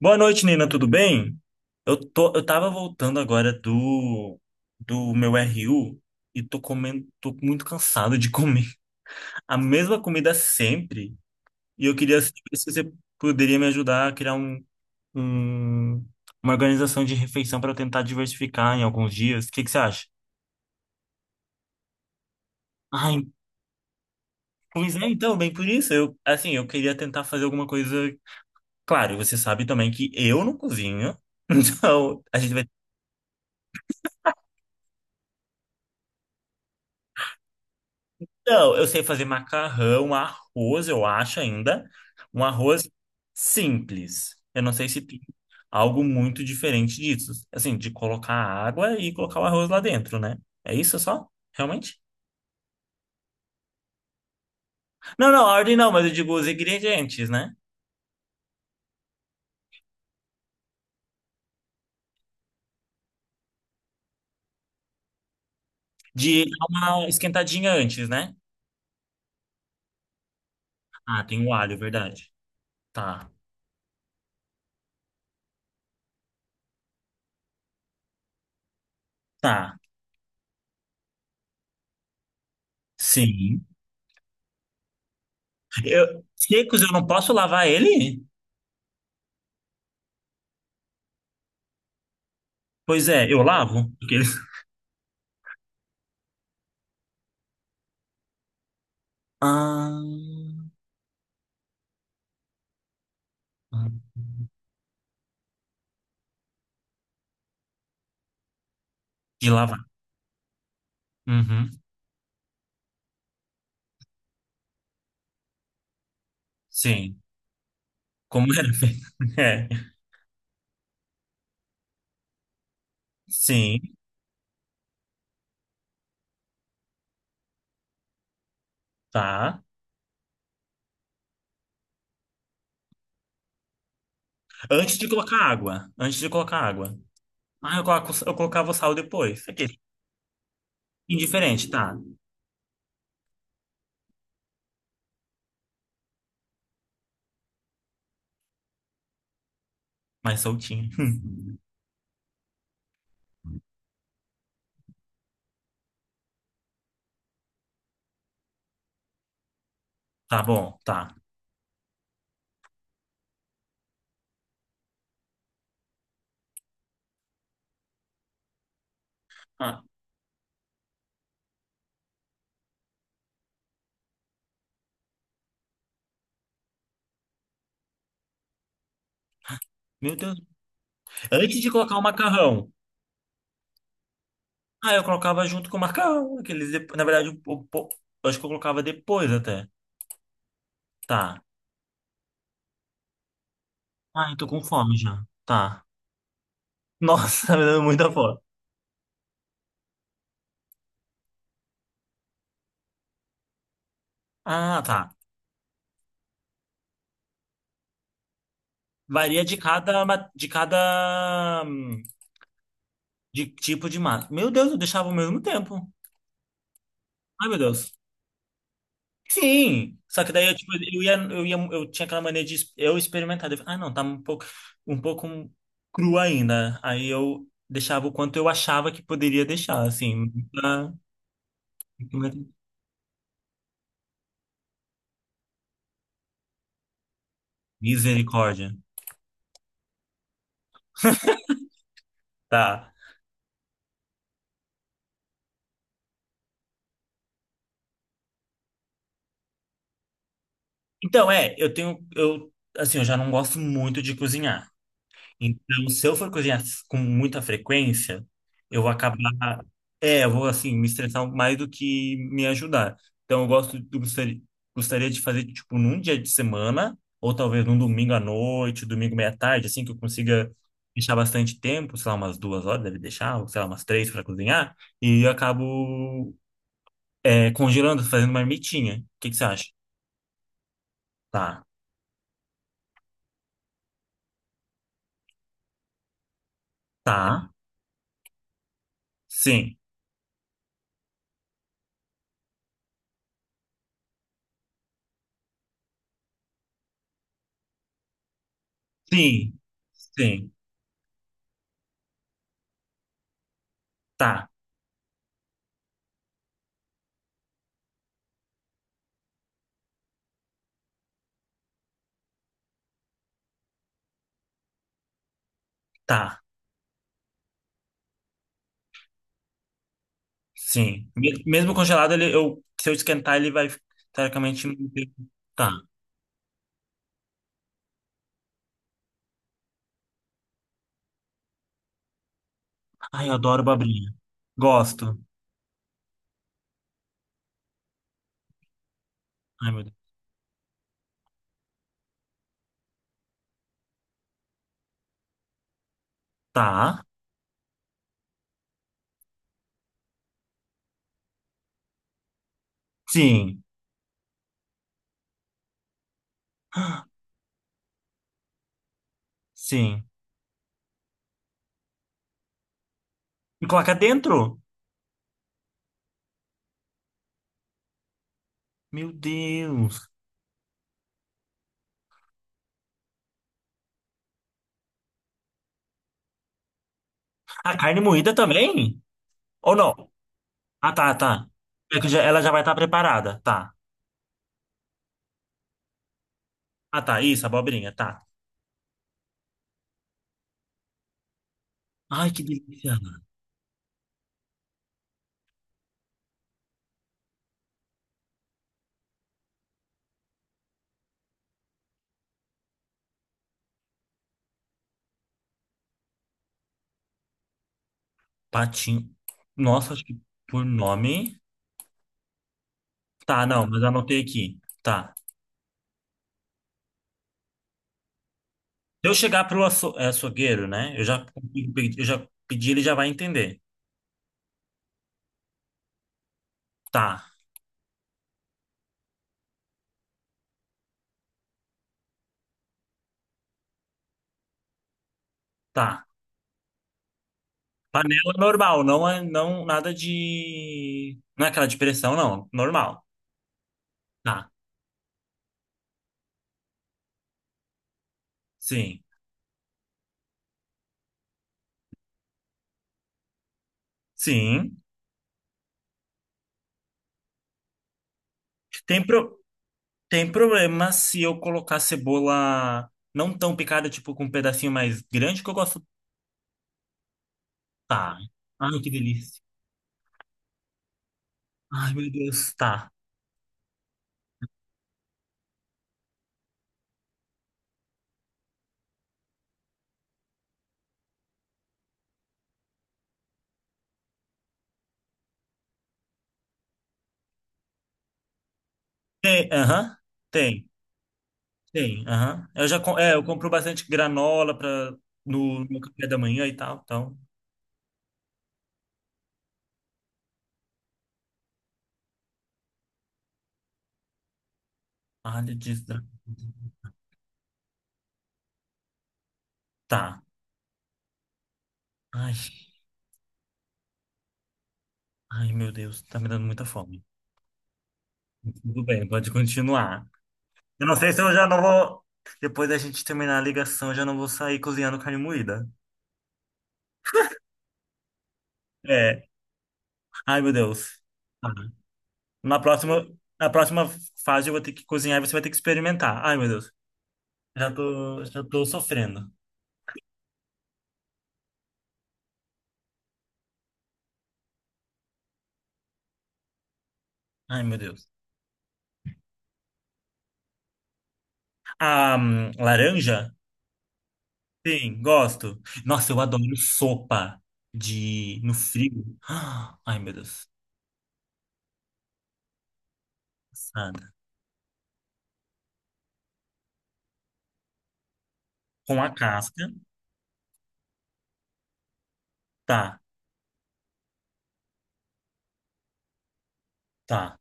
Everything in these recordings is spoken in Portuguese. Boa noite, Nina, tudo bem? Eu tava voltando agora do meu RU e tô comendo, tô muito cansado de comer a mesma comida sempre. E eu queria saber se você poderia me ajudar a criar um- uma organização de refeição para eu tentar diversificar em alguns dias. O que que você acha? Ai, pois é, então, bem por isso. Eu, assim, eu queria tentar fazer alguma coisa. Claro, você sabe também que eu não cozinho. Então, a gente vai. Não, eu sei fazer macarrão, arroz, eu acho ainda. Um arroz simples. Eu não sei se tem algo muito diferente disso. Assim, de colocar água e colocar o arroz lá dentro, né? É isso só? Realmente? Não, não, a ordem não, mas eu digo os ingredientes, né? De dar uma esquentadinha antes, né? Ah, tem o alho, verdade. Tá, tá. Sim. Eu, secos, eu não posso lavar ele? Pois é, eu lavo. Porque eles... Ah, hum, de lavar. Uhum. Sim. Como era feito? É. Sim, tá. Antes de colocar água. Antes de colocar água. Ah, eu, coloco, eu colocava o sal depois. Aquele. Indiferente, tá. Mais soltinho. Tá bom, tá. Ah, meu Deus. Antes de colocar o macarrão. Ah, eu colocava junto com o macarrão. Aqueles depo- Na verdade, eu acho que eu colocava depois até. Tá. Ah, eu tô com fome já. Tá. Nossa, tá me dando muita fome. Ah, tá. Varia de cada, ma- de cada. Hum, de tipo de massa. Meu Deus, eu deixava ao mesmo tempo. Ai, meu Deus. Sim! Só que daí eu, tipo, eu tinha aquela maneira de es- eu experimentar. Eu falava, ah, não, tá um pouco cru ainda. Aí eu deixava o quanto eu achava que poderia deixar, assim. Pra- Misericórdia. Tá. Então, é, eu tenho, eu, assim, eu já não gosto muito de cozinhar. Então, se eu for cozinhar com muita frequência, eu vou acabar. É, eu vou, assim, me estressar mais do que me ajudar. Então, eu gosto, eu gostaria de fazer, tipo, num dia de semana, ou talvez num domingo à noite, domingo meia-tarde, assim, que eu consiga deixar bastante tempo, sei lá, umas duas horas deve deixar, ou sei lá, umas três para cozinhar, e eu acabo, é, congelando, fazendo uma marmitinha. O que que você acha? Tá, tá, sim, sim, sim, tá, tá. Sim. Me- Mesmo congelado, ele, eu, se eu esquentar, ele vai, teoricamente, manter. Tá. Ai, eu adoro babrinha. Gosto. Ai, meu Deus. Tá. Sim. Sim. E coloca dentro? Meu Deus. A carne moída também? Ou não? Ah, tá, tá. É que já- ela já vai estar preparada. Tá. Ah, tá. Isso, abobrinha. Tá. Ai, que delícia. Patinho. Nossa, acho que por nome. Tá, não, mas anotei aqui. Tá. Se eu chegar pro aço, é, açougueiro, né? Eu já pedi, ele já vai entender. Tá, tá. Panela normal, não é não, nada de. Não é aquela de pressão, não. Normal. Tá. Sim. Sim. Tem, pro, tem problema se eu colocar cebola não tão picada, tipo com um pedacinho mais grande que eu gosto. Tá. Ai, que delícia. Ai, meu Deus. Tá. Tem, aham. Tem. Sim, aham. Eu já com- é, eu compro bastante granola para no café da manhã e tal, então. Alho de estra- Tá. Ai, ai, meu Deus, tá me dando muita fome. Tudo bem, pode continuar. Eu não sei se eu já não vou. Depois da gente terminar a ligação, eu já não vou sair cozinhando carne moída. É. Ai, meu Deus. Tá. Na próxima, na próxima fase eu vou ter que cozinhar e você vai ter que experimentar. Ai, meu Deus. Já tô sofrendo. Ai, meu Deus. A laranja? Sim, gosto. Nossa, eu adoro sopa de no frio. Ah, ai, meu Deus. Assada. Com a casca. Tá, tá.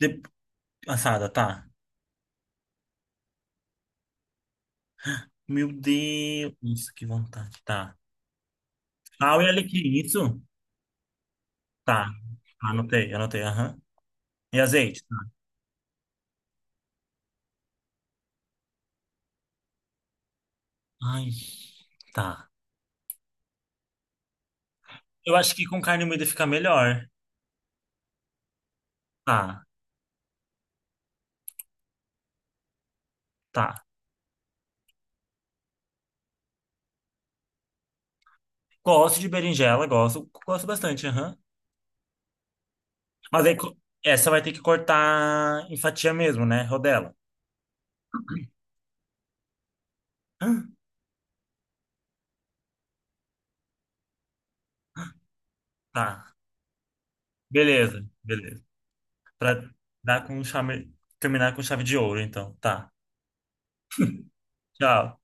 De- Assada, tá. Meu Deus, nossa, que vontade. Tá. Sal e alecrim, isso? Tá. Anotei, anotei, aham. E azeite? Tá. Ai, tá. Eu acho que com carne moída fica melhor. Tá, tá. Gosto de berinjela, gosto, gosto bastante, aham. Mas aí co- essa vai ter que cortar em fatia mesmo, né? Rodela. Tá. Beleza, beleza. Pra dar com chave, terminar com chave de ouro, então. Tá. Tchau.